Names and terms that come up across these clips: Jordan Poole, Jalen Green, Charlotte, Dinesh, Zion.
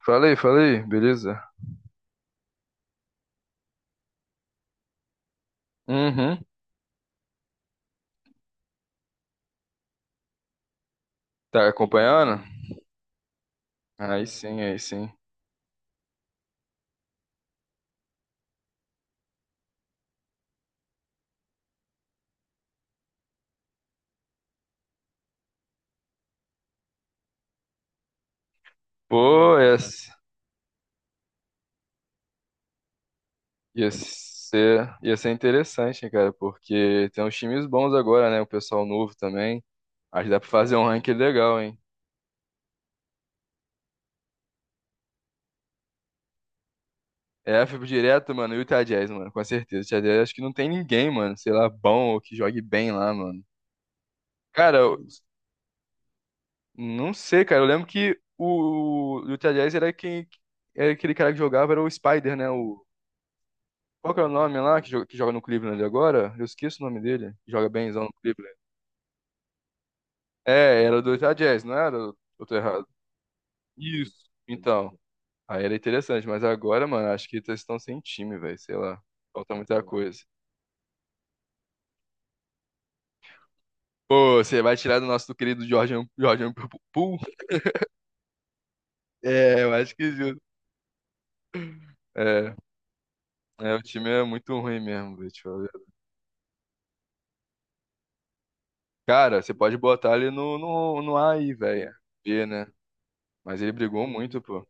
Falei, falei, beleza? Uhum, tá acompanhando? Aí sim, aí sim. Pô, ia ser, interessante, hein, cara, porque tem uns times bons agora, né? O pessoal novo também. Acho que dá pra fazer um ranking legal, hein? É, eu fico direto, mano, e o Utah Jazz, mano, com certeza. O Utah Jazz acho que não tem ninguém, mano, sei lá, bom ou que jogue bem lá, mano. Cara, eu não sei, cara, eu lembro que o Utah Jazz era quem, era aquele cara que jogava, era o Spider, né? Qual que é o nome lá que joga no Cleveland agora? Eu esqueço o nome dele, que joga bemzão no Cleveland. É, era do Utah Jazz, não era? Eu tô errado. Isso. Então, aí era interessante, mas agora, mano, acho que eles estão sem time, velho. Sei lá. Falta muita coisa. Pô, você vai tirar do nosso do querido Jordan Poole? É, eu acho que justo. É, é, o time é muito ruim mesmo, velho. Deixa eu ver. Cara, você pode botar ele no A aí, velho. B, né? Mas ele brigou muito, pô.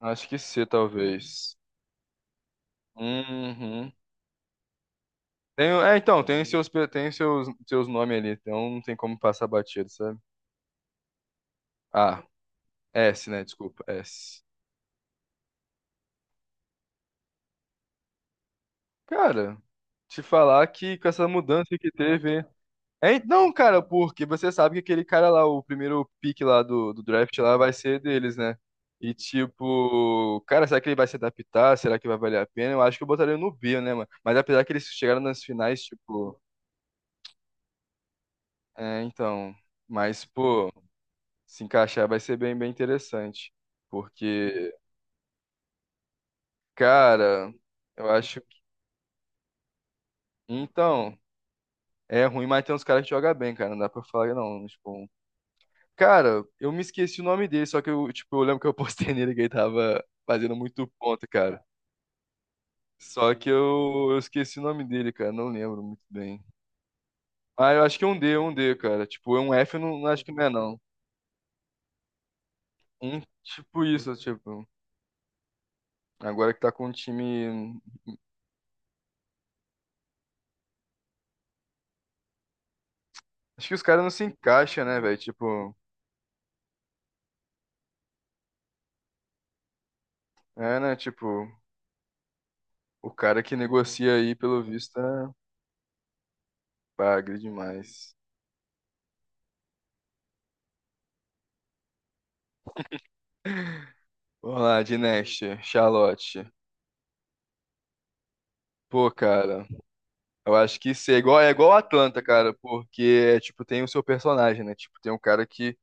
Acho que C, talvez. Uhum. Tem, é, então, tem seus, nomes ali, então não tem como passar batido, sabe? Ah, S, né? Desculpa, S. Cara, te falar que com essa mudança que teve. É, não, cara, porque você sabe que aquele cara lá, o primeiro pick lá do draft lá, vai ser deles, né? E tipo, cara, será que ele vai se adaptar? Será que vai valer a pena? Eu acho que eu botaria no B, né, mano? Mas apesar que eles chegaram nas finais, tipo. É, então. Mas, pô, se encaixar vai ser bem, bem interessante. Porque. Cara, eu acho que. Então, é ruim, mas tem uns caras que jogam bem, cara. Não dá pra falar, que não. Tipo, cara, eu me esqueci o nome dele, só que tipo, eu lembro que eu postei nele que ele tava fazendo muito ponto, cara. Só que eu esqueci o nome dele, cara. Não lembro muito bem. Ah, eu acho que é um D, cara. Tipo, é um F, eu não acho que não é, não. Um tipo isso, tipo. Agora que tá com um time. Acho que os caras não se encaixam, né, velho? Tipo. É, né? Tipo, o cara que negocia aí, pelo visto, é. Bagre demais. Vamos lá, Dinesh, Charlotte. Pô, cara, eu acho que isso é igual Atlanta, cara, porque, é, tipo, tem o seu personagem, né? Tipo, tem um cara que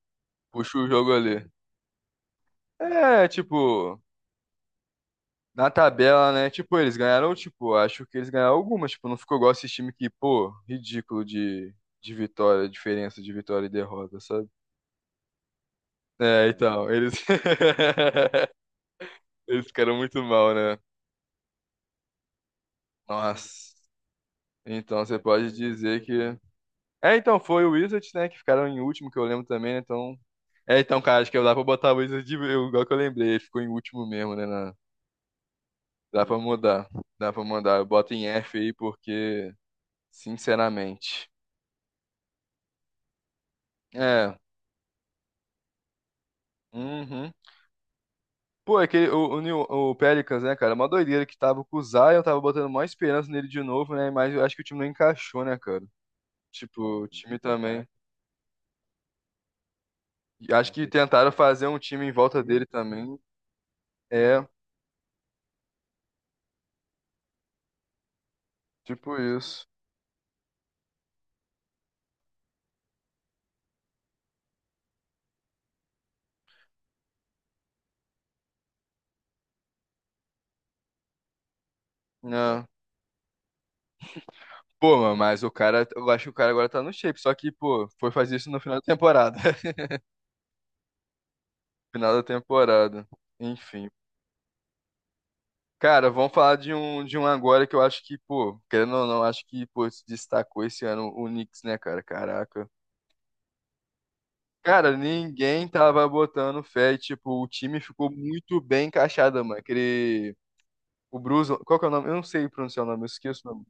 puxa o jogo ali. É, tipo, na tabela, né? Tipo, eles ganharam, tipo, acho que eles ganharam algumas, tipo, não ficou igual esse time que, pô, ridículo de vitória, diferença de vitória e derrota, sabe? É, então, eles... Eles ficaram muito mal, né? Nossa. Então, você pode dizer que... É, então, foi o Wizards, né, que ficaram em último, que eu lembro também, né, então... É, então, cara, acho que dá pra botar o Wizards, eu, igual que eu lembrei, ele ficou em último mesmo, né, dá pra mudar, dá pra mudar, eu boto em F aí, porque, sinceramente... É, uhum. Pô, é que o Pelicans, né, cara, é uma doideira que tava com o Zion, eu tava botando maior esperança nele de novo, né, mas eu acho que o time não encaixou, né, cara, tipo, o time também... E acho que tentaram fazer um time em volta dele também, é, tipo isso, né. Pô, mano, mas o cara, eu acho que o cara agora tá no shape, só que, pô, foi fazer isso no final da temporada. Final da temporada. Enfim. Cara, vamos falar de um agora que eu acho que, pô, querendo ou não, acho que, pô, se destacou esse ano o Knicks, né, cara? Caraca. Cara, ninguém tava botando fé e, tipo, o time ficou muito bem encaixado, mano. Aquele. O Bruce. Qual que é o nome? Eu não sei pronunciar o nome, eu esqueço o nome.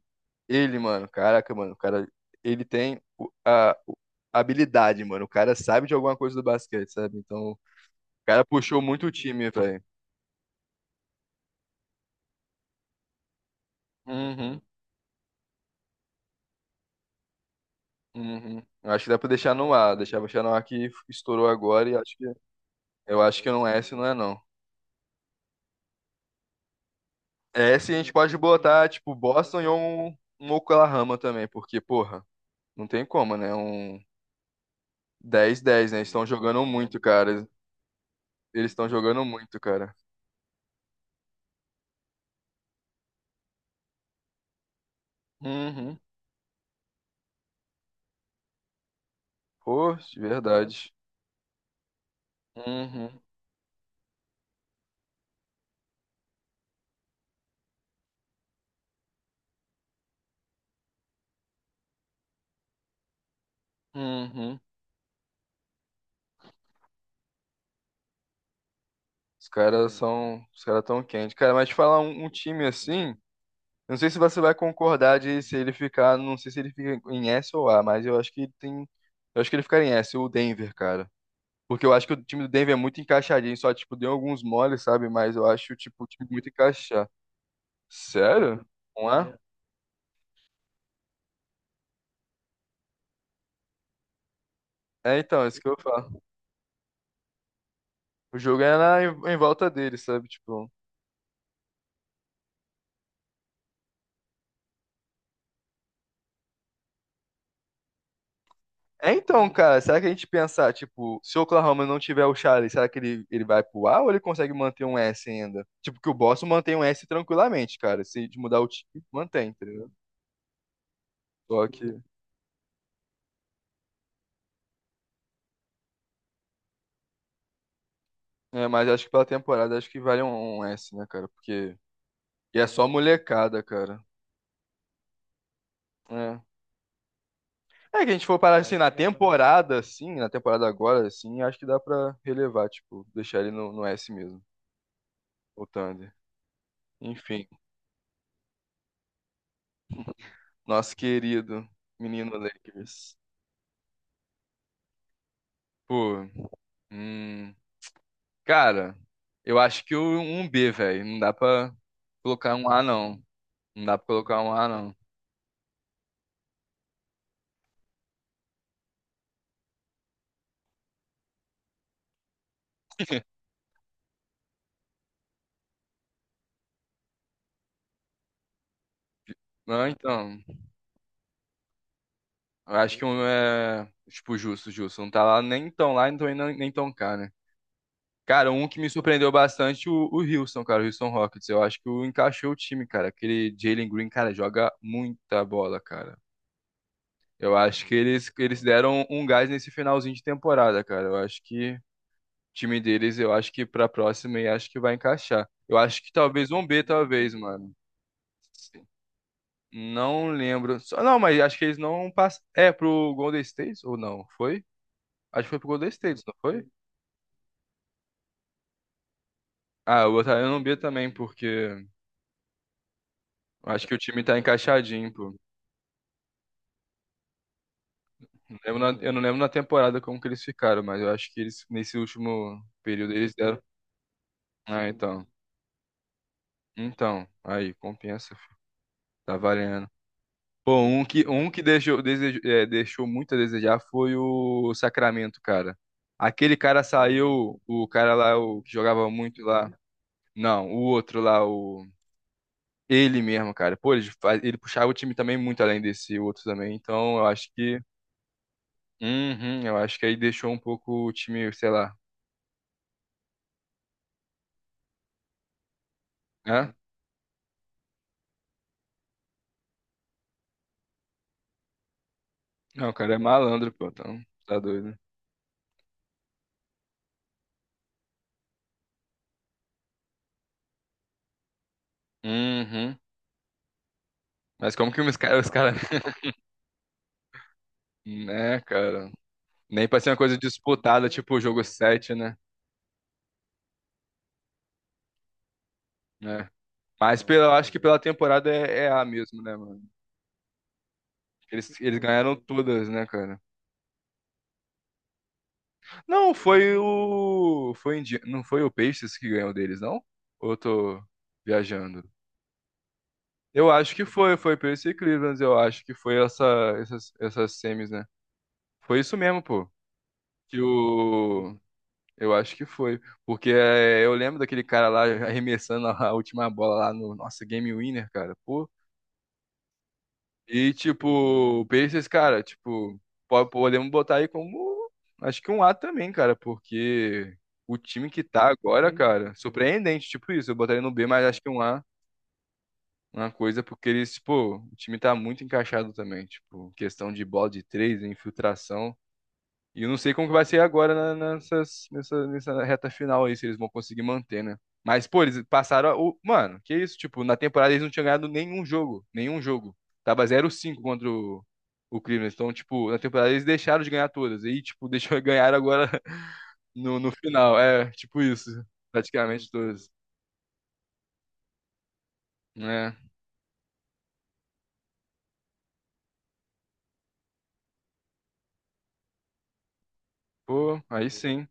Ele, mano, caraca, mano, o cara, ele tem a habilidade, mano. O cara sabe de alguma coisa do basquete, sabe? Então, o cara puxou muito o time, velho. Uhum, uhum. Eu acho que dá pra deixar no ar, deixar no ar, que estourou agora e acho que eu acho que não é esse, não é não. É esse a gente pode botar tipo Boston e um Oklahoma também, porque porra, não tem como, né? Um 10, 10, né? Eles estão jogando muito, cara. Eles estão jogando muito, cara. Uhum. Pô, de verdade. Uhum. Uhum. Os caras são, os caras tão quentes. Cara, mas te falar um time assim, eu não sei se você vai concordar de se ele ficar, não sei se ele fica em S ou A, mas eu acho que ele tem, eu acho que ele ficaria em S, o Denver, cara. Porque eu acho que o time do Denver é muito encaixadinho, só tipo deu alguns moles, sabe? Mas eu acho tipo o time muito encaixado. Sério? Não é? É, então, isso que eu falo. O jogo é em volta dele, sabe? Tipo, é então, cara, será que a gente pensar, tipo, se o Oklahoma não tiver o Charlie, será que ele vai pro A ou ele consegue manter um S ainda? Tipo, que o Boston mantém um S tranquilamente, cara. Se de mudar o time, mantém, entendeu? Só que. É, mas acho que pela temporada acho que vale um S, né, cara? Porque. E é só molecada, cara. É. É que a gente for parar assim, na temporada agora, assim, acho que dá pra relevar, tipo, deixar ele no S mesmo, o Thunder. Enfim, nosso querido menino Lakers. Pô, hum, Cara, eu acho que um B, velho. Não dá pra colocar um A, não. Não dá pra colocar um A, não. Não, então. Eu acho que um é. Tipo, justo, justo. Não tá lá nem tão lá, então nem tão cá, né? Cara, um que me surpreendeu bastante, o Houston, cara, o Houston Rockets. Eu acho que o encaixou o time, cara. Aquele Jalen Green, cara, joga muita bola, cara. Eu acho que eles deram um gás nesse finalzinho de temporada, cara. Eu acho que. Time deles, eu acho que pra próxima e acho que vai encaixar. Eu acho que talvez um B, talvez, mano. Não lembro. Não, mas acho que eles não passam. É, pro Golden State ou não? Foi? Acho que foi pro Golden State, não foi? Ah, eu botaria no B também, porque eu acho que o time tá encaixadinho, pô. Não lembro Eu não lembro na temporada como que eles ficaram, mas eu acho que eles, nesse último período, eles deram. Ah, então. Então, aí, compensa, filho. Tá valendo. Pô, um que deixou muito a desejar foi o Sacramento, cara. Aquele cara saiu, o cara lá, o que jogava muito lá. Não, o outro lá, o. Ele mesmo, cara. Pô, ele puxava o time também muito além desse outro também. Então, eu acho que. Uhum, eu acho que aí deixou um pouco o time, sei lá. Hã? Não, o cara é malandro, pô. Então, tá doido. Uhum. Mas como que os caras. Os cara... Né, cara? Nem pra ser uma coisa disputada, tipo o jogo 7 né? É. Mas pela, eu acho que pela temporada é A mesmo, né, mano? Eles ganharam todas, né, cara? Não, foi o. Foi Indi... Não foi o Pacers que ganhou deles, não? Ou eu tô viajando? Eu acho que foi Pacers e Cleveland, eu acho que foi essa, essas semis, né? Foi isso mesmo, pô. Que o. Eu acho que foi. Porque é, eu lembro daquele cara lá arremessando a última bola lá no nossa Game Winner, cara. Pô, e, tipo, o Pacers, cara, tipo, podemos botar aí como, acho que um A também, cara, porque o time que tá agora, Uhum, cara, surpreendente, tipo isso, eu botaria no B, mas acho que um A, uma coisa, porque eles, pô, o time tá muito encaixado também, tipo, questão de bola de três, infiltração, e eu não sei como que vai ser agora nessa reta final aí, se eles vão conseguir manter, né? Mas, pô, eles passaram. O... Mano, que isso? Tipo, na temporada eles não tinham ganhado nenhum jogo. Nenhum jogo. Tava 0-5 contra o Cleveland. Então, tipo, na temporada eles deixaram de ganhar todas. E, tipo, deixou ganhar agora no final. É, tipo isso. Praticamente todas, né? Pô, aí sim.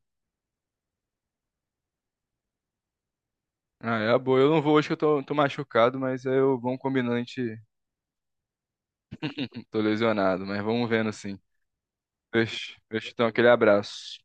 Ah, é a boa. Eu não vou hoje que eu tô machucado, mas eu vamos combinando, a gente tô lesionado, mas vamos vendo assim. Fecho, fecho, então, aquele abraço.